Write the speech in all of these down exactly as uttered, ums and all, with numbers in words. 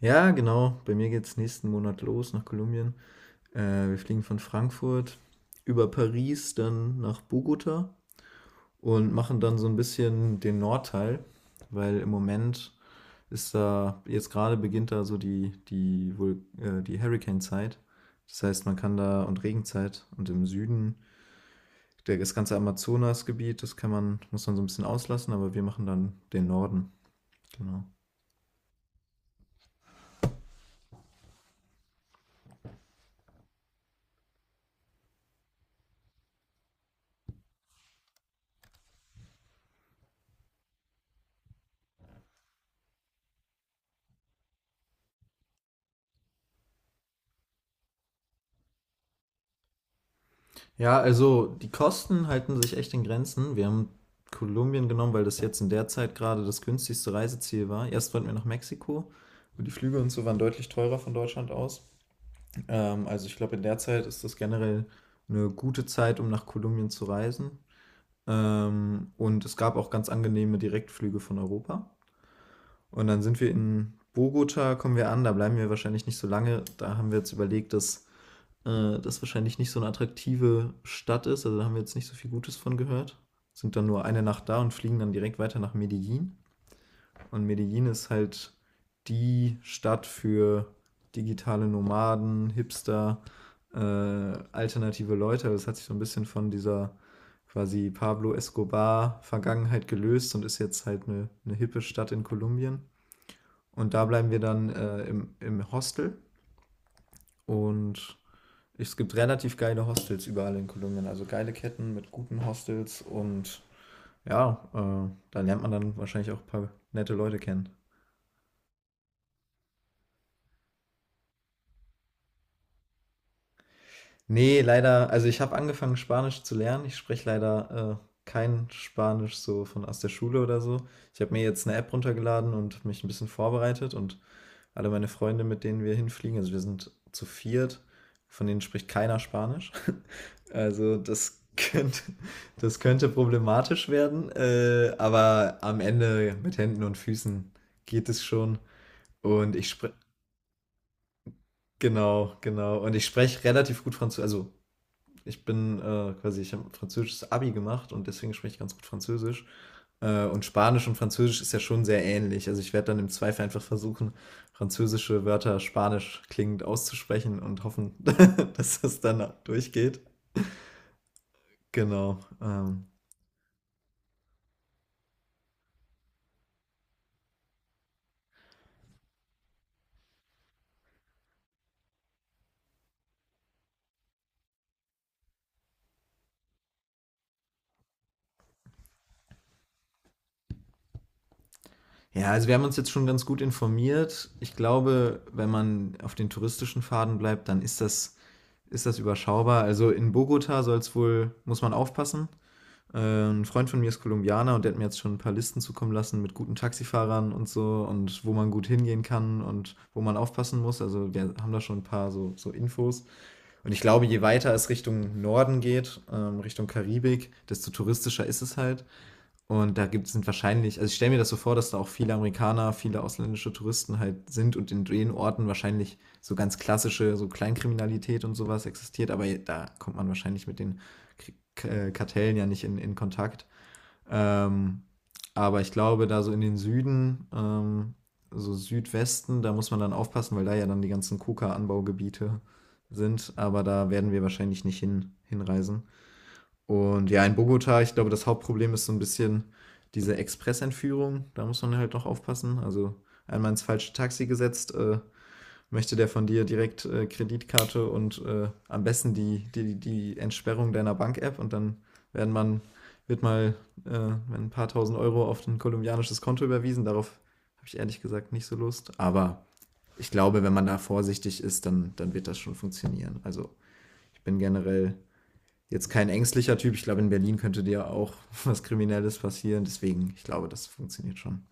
Ja, genau. Bei mir geht's nächsten Monat los nach Kolumbien. Äh, wir fliegen von Frankfurt über Paris dann nach Bogota und machen dann so ein bisschen den Nordteil, weil im Moment ist da, jetzt gerade beginnt da so die, die, Vul- äh, die Hurricane-Zeit. Das heißt, man kann da und Regenzeit und im Süden, der, das ganze Amazonasgebiet, das kann man, muss man so ein bisschen auslassen, aber wir machen dann den Norden. Genau. Ja, also die Kosten halten sich echt in Grenzen. Wir haben Kolumbien genommen, weil das jetzt in der Zeit gerade das günstigste Reiseziel war. Erst wollten wir nach Mexiko, und die Flüge und so waren deutlich teurer von Deutschland aus. Ähm, also ich glaube, in der Zeit ist das generell eine gute Zeit, um nach Kolumbien zu reisen. Ähm, und es gab auch ganz angenehme Direktflüge von Europa. Und dann sind wir in Bogota, kommen wir an, da bleiben wir wahrscheinlich nicht so lange. Da haben wir jetzt überlegt, dass äh, das wahrscheinlich nicht so eine attraktive Stadt ist. Also da haben wir jetzt nicht so viel Gutes von gehört. Sind dann nur eine Nacht da und fliegen dann direkt weiter nach Medellin. Und Medellin ist halt die Stadt für digitale Nomaden, Hipster, äh, alternative Leute. Das hat sich so ein bisschen von dieser quasi Pablo Escobar-Vergangenheit gelöst und ist jetzt halt eine, eine hippe Stadt in Kolumbien. Und da bleiben wir dann äh, im, im Hostel und es gibt relativ geile Hostels überall in Kolumbien, also geile Ketten mit guten Hostels und ja, äh, da lernt man dann wahrscheinlich auch ein paar nette Leute kennen. Nee, leider, also ich habe angefangen Spanisch zu lernen. Ich spreche leider äh, kein Spanisch so von aus der Schule oder so. Ich habe mir jetzt eine App runtergeladen und mich ein bisschen vorbereitet und alle meine Freunde, mit denen wir hinfliegen, also wir sind zu viert, von denen spricht keiner Spanisch. Also das könnte, das könnte problematisch werden, äh, aber am Ende mit Händen und Füßen geht es schon. Und ich spreche, genau, genau. Und ich spreche relativ gut Französisch. Also ich bin äh, quasi, ich habe ein französisches Abi gemacht und deswegen spreche ich ganz gut Französisch. Äh, und Spanisch und Französisch ist ja schon sehr ähnlich. Also ich werde dann im Zweifel einfach versuchen, französische Wörter spanisch klingend auszusprechen und hoffen, dass das dann durchgeht. Genau. Ähm, Ja, also wir haben uns jetzt schon ganz gut informiert. Ich glaube, wenn man auf den touristischen Faden bleibt, dann ist das, ist das überschaubar. Also in Bogota soll es wohl, muss man aufpassen. Äh, ein Freund von mir ist Kolumbianer und der hat mir jetzt schon ein paar Listen zukommen lassen mit guten Taxifahrern und so und wo man gut hingehen kann und wo man aufpassen muss. Also wir haben da schon ein paar so, so Infos. Und ich glaube, je weiter es Richtung Norden geht, ähm, Richtung Karibik, desto touristischer ist es halt. Und da gibt es wahrscheinlich, also ich stelle mir das so vor, dass da auch viele Amerikaner, viele ausländische Touristen halt sind und in den Orten wahrscheinlich so ganz klassische, so Kleinkriminalität und sowas existiert, aber da kommt man wahrscheinlich mit den K äh, Kartellen ja nicht in, in Kontakt. Ähm, aber ich glaube, da so in den Süden, ähm, so Südwesten, da muss man dann aufpassen, weil da ja dann die ganzen Koka-Anbaugebiete sind, aber da werden wir wahrscheinlich nicht hin, hinreisen. Und ja, in Bogota, ich glaube, das Hauptproblem ist so ein bisschen diese Expressentführung. Da muss man halt noch aufpassen. Also einmal ins falsche Taxi gesetzt, äh, möchte der von dir direkt äh, Kreditkarte und äh, am besten die, die, die Entsperrung deiner Bank-App und dann werden man, wird mal äh, ein paar tausend Euro auf ein kolumbianisches Konto überwiesen. Darauf habe ich ehrlich gesagt nicht so Lust. Aber ich glaube, wenn man da vorsichtig ist, dann, dann wird das schon funktionieren. Also ich bin generell jetzt kein ängstlicher Typ. Ich glaube, in Berlin könnte dir auch was Kriminelles passieren. Deswegen, ich glaube, das funktioniert schon.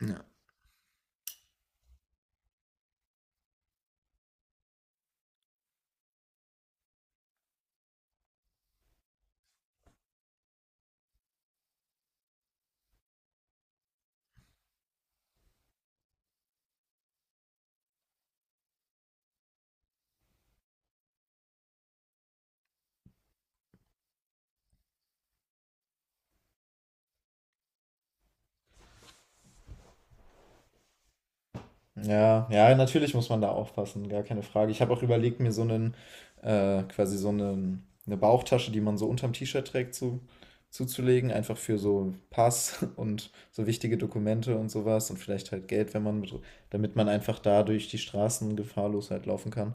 Ja. Ja, ja, natürlich muss man da aufpassen, gar keine Frage. Ich habe auch überlegt, mir so einen, äh, quasi so einen, eine Bauchtasche, die man so unterm T-Shirt trägt, zu, zuzulegen, einfach für so Pass und so wichtige Dokumente und sowas und vielleicht halt Geld, wenn man mit, damit man einfach da durch die Straßen gefahrlos halt laufen kann.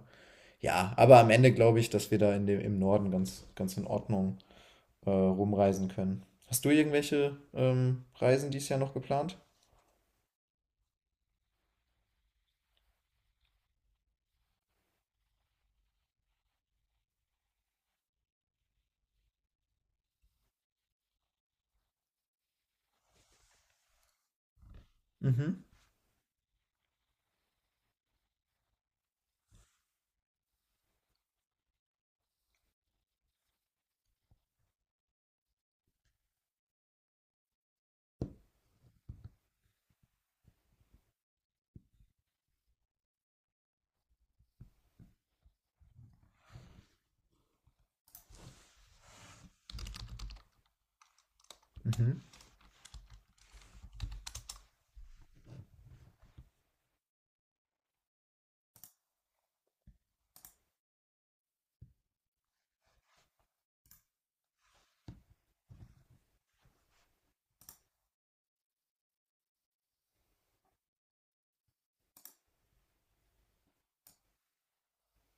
Ja, aber am Ende glaube ich, dass wir da in dem, im Norden ganz, ganz in Ordnung äh, rumreisen können. Hast du irgendwelche ähm, Reisen dieses Jahr noch geplant? Mhm, mhm,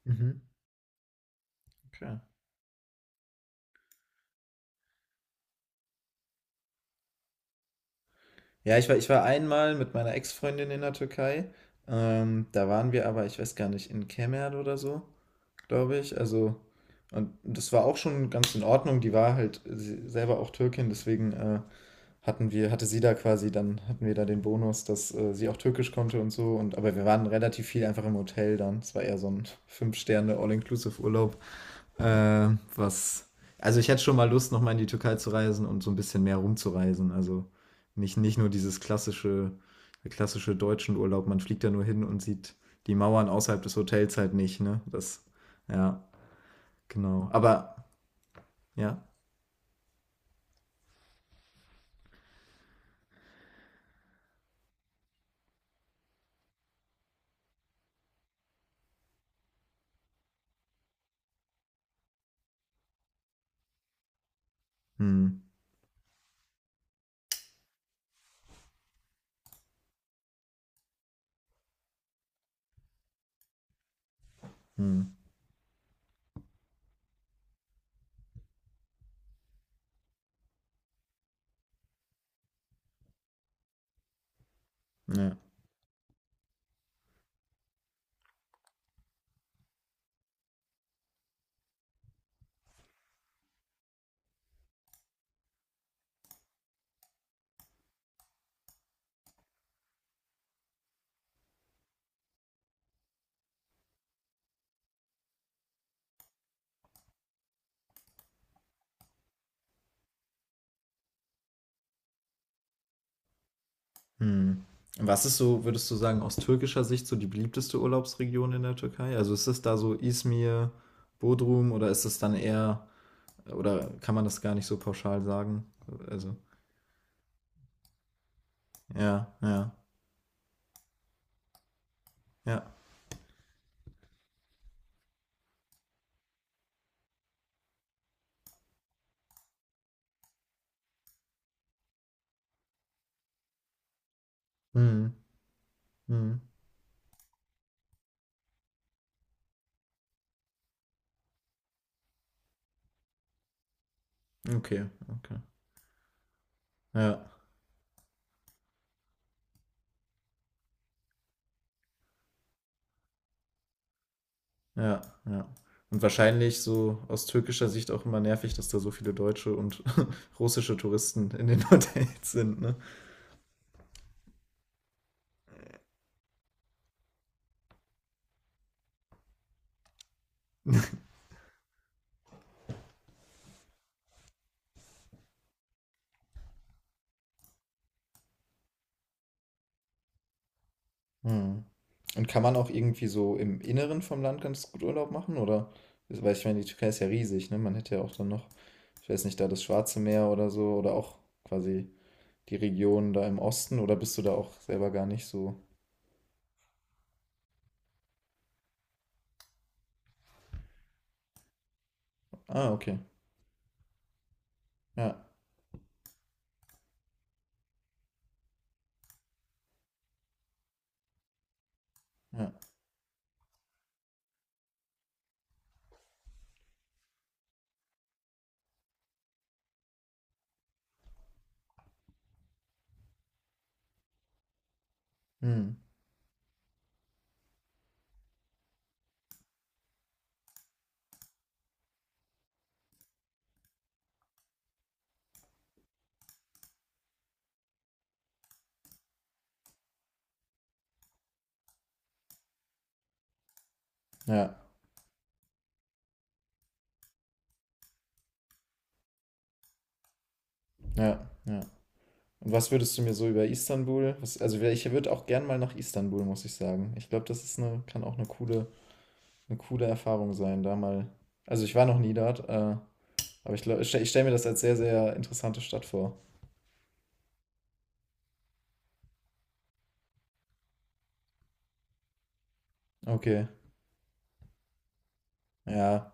mhm. Okay. Ja, ich war, ich war einmal mit meiner Ex-Freundin in der Türkei. Ähm, da waren wir aber, ich weiß gar nicht, in Kemer oder so, glaube ich. Also, und das war auch schon ganz in Ordnung. Die war halt sie- selber auch Türkin, deswegen äh, hatten wir, hatte sie da quasi, dann hatten wir da den Bonus, dass äh, sie auch Türkisch konnte und so. Und, aber wir waren relativ viel einfach im Hotel dann. Es war eher so ein Fünf-Sterne All-Inclusive-Urlaub. Äh, was. Also ich hätte schon mal Lust, nochmal in die Türkei zu reisen und so ein bisschen mehr rumzureisen. Also nicht, nicht nur dieses klassische, der klassische deutschen Urlaub. Man fliegt ja nur hin und sieht die Mauern außerhalb des Hotels halt nicht, ne? Das, ja, genau. Aber, ja. Hm, hm, ja, hm. Was ist so, würdest du sagen, aus türkischer Sicht so die beliebteste Urlaubsregion in der Türkei? Also ist es da so Izmir, Bodrum oder ist es dann eher, oder kann man das gar nicht so pauschal sagen? Also, ja, ja, ja. Mhm. Mhm. Okay, okay. Ja, ja, ja. Und wahrscheinlich so aus türkischer Sicht auch immer nervig, dass da so viele deutsche und russische Touristen in den Hotels sind, ne? Mhm. Und kann man auch irgendwie so im Inneren vom Land ganz gut Urlaub machen, oder? Weil ich meine, die Türkei ist ja riesig, ne? Man hätte ja auch dann noch, ich weiß nicht, da das Schwarze Meer oder so, oder auch quasi die Region da im Osten, oder bist du da auch selber gar nicht so? Ah, okay. Ja, ja. Mhm. Ja. Ja, ja. Und was würdest du mir so über Istanbul? Was, also wär- ich würde auch gern mal nach Istanbul, muss ich sagen. Ich glaube, das ist eine, kann auch eine coole, eine coole Erfahrung sein, da mal. Also ich war noch nie dort, äh, aber ich glaube, ich stelle stell mir das als sehr, sehr interessante Stadt vor. Okay. Ja,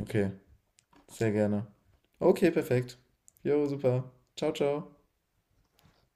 okay. Sehr gerne. Okay, perfekt. Jo, super. Ciao, ciao.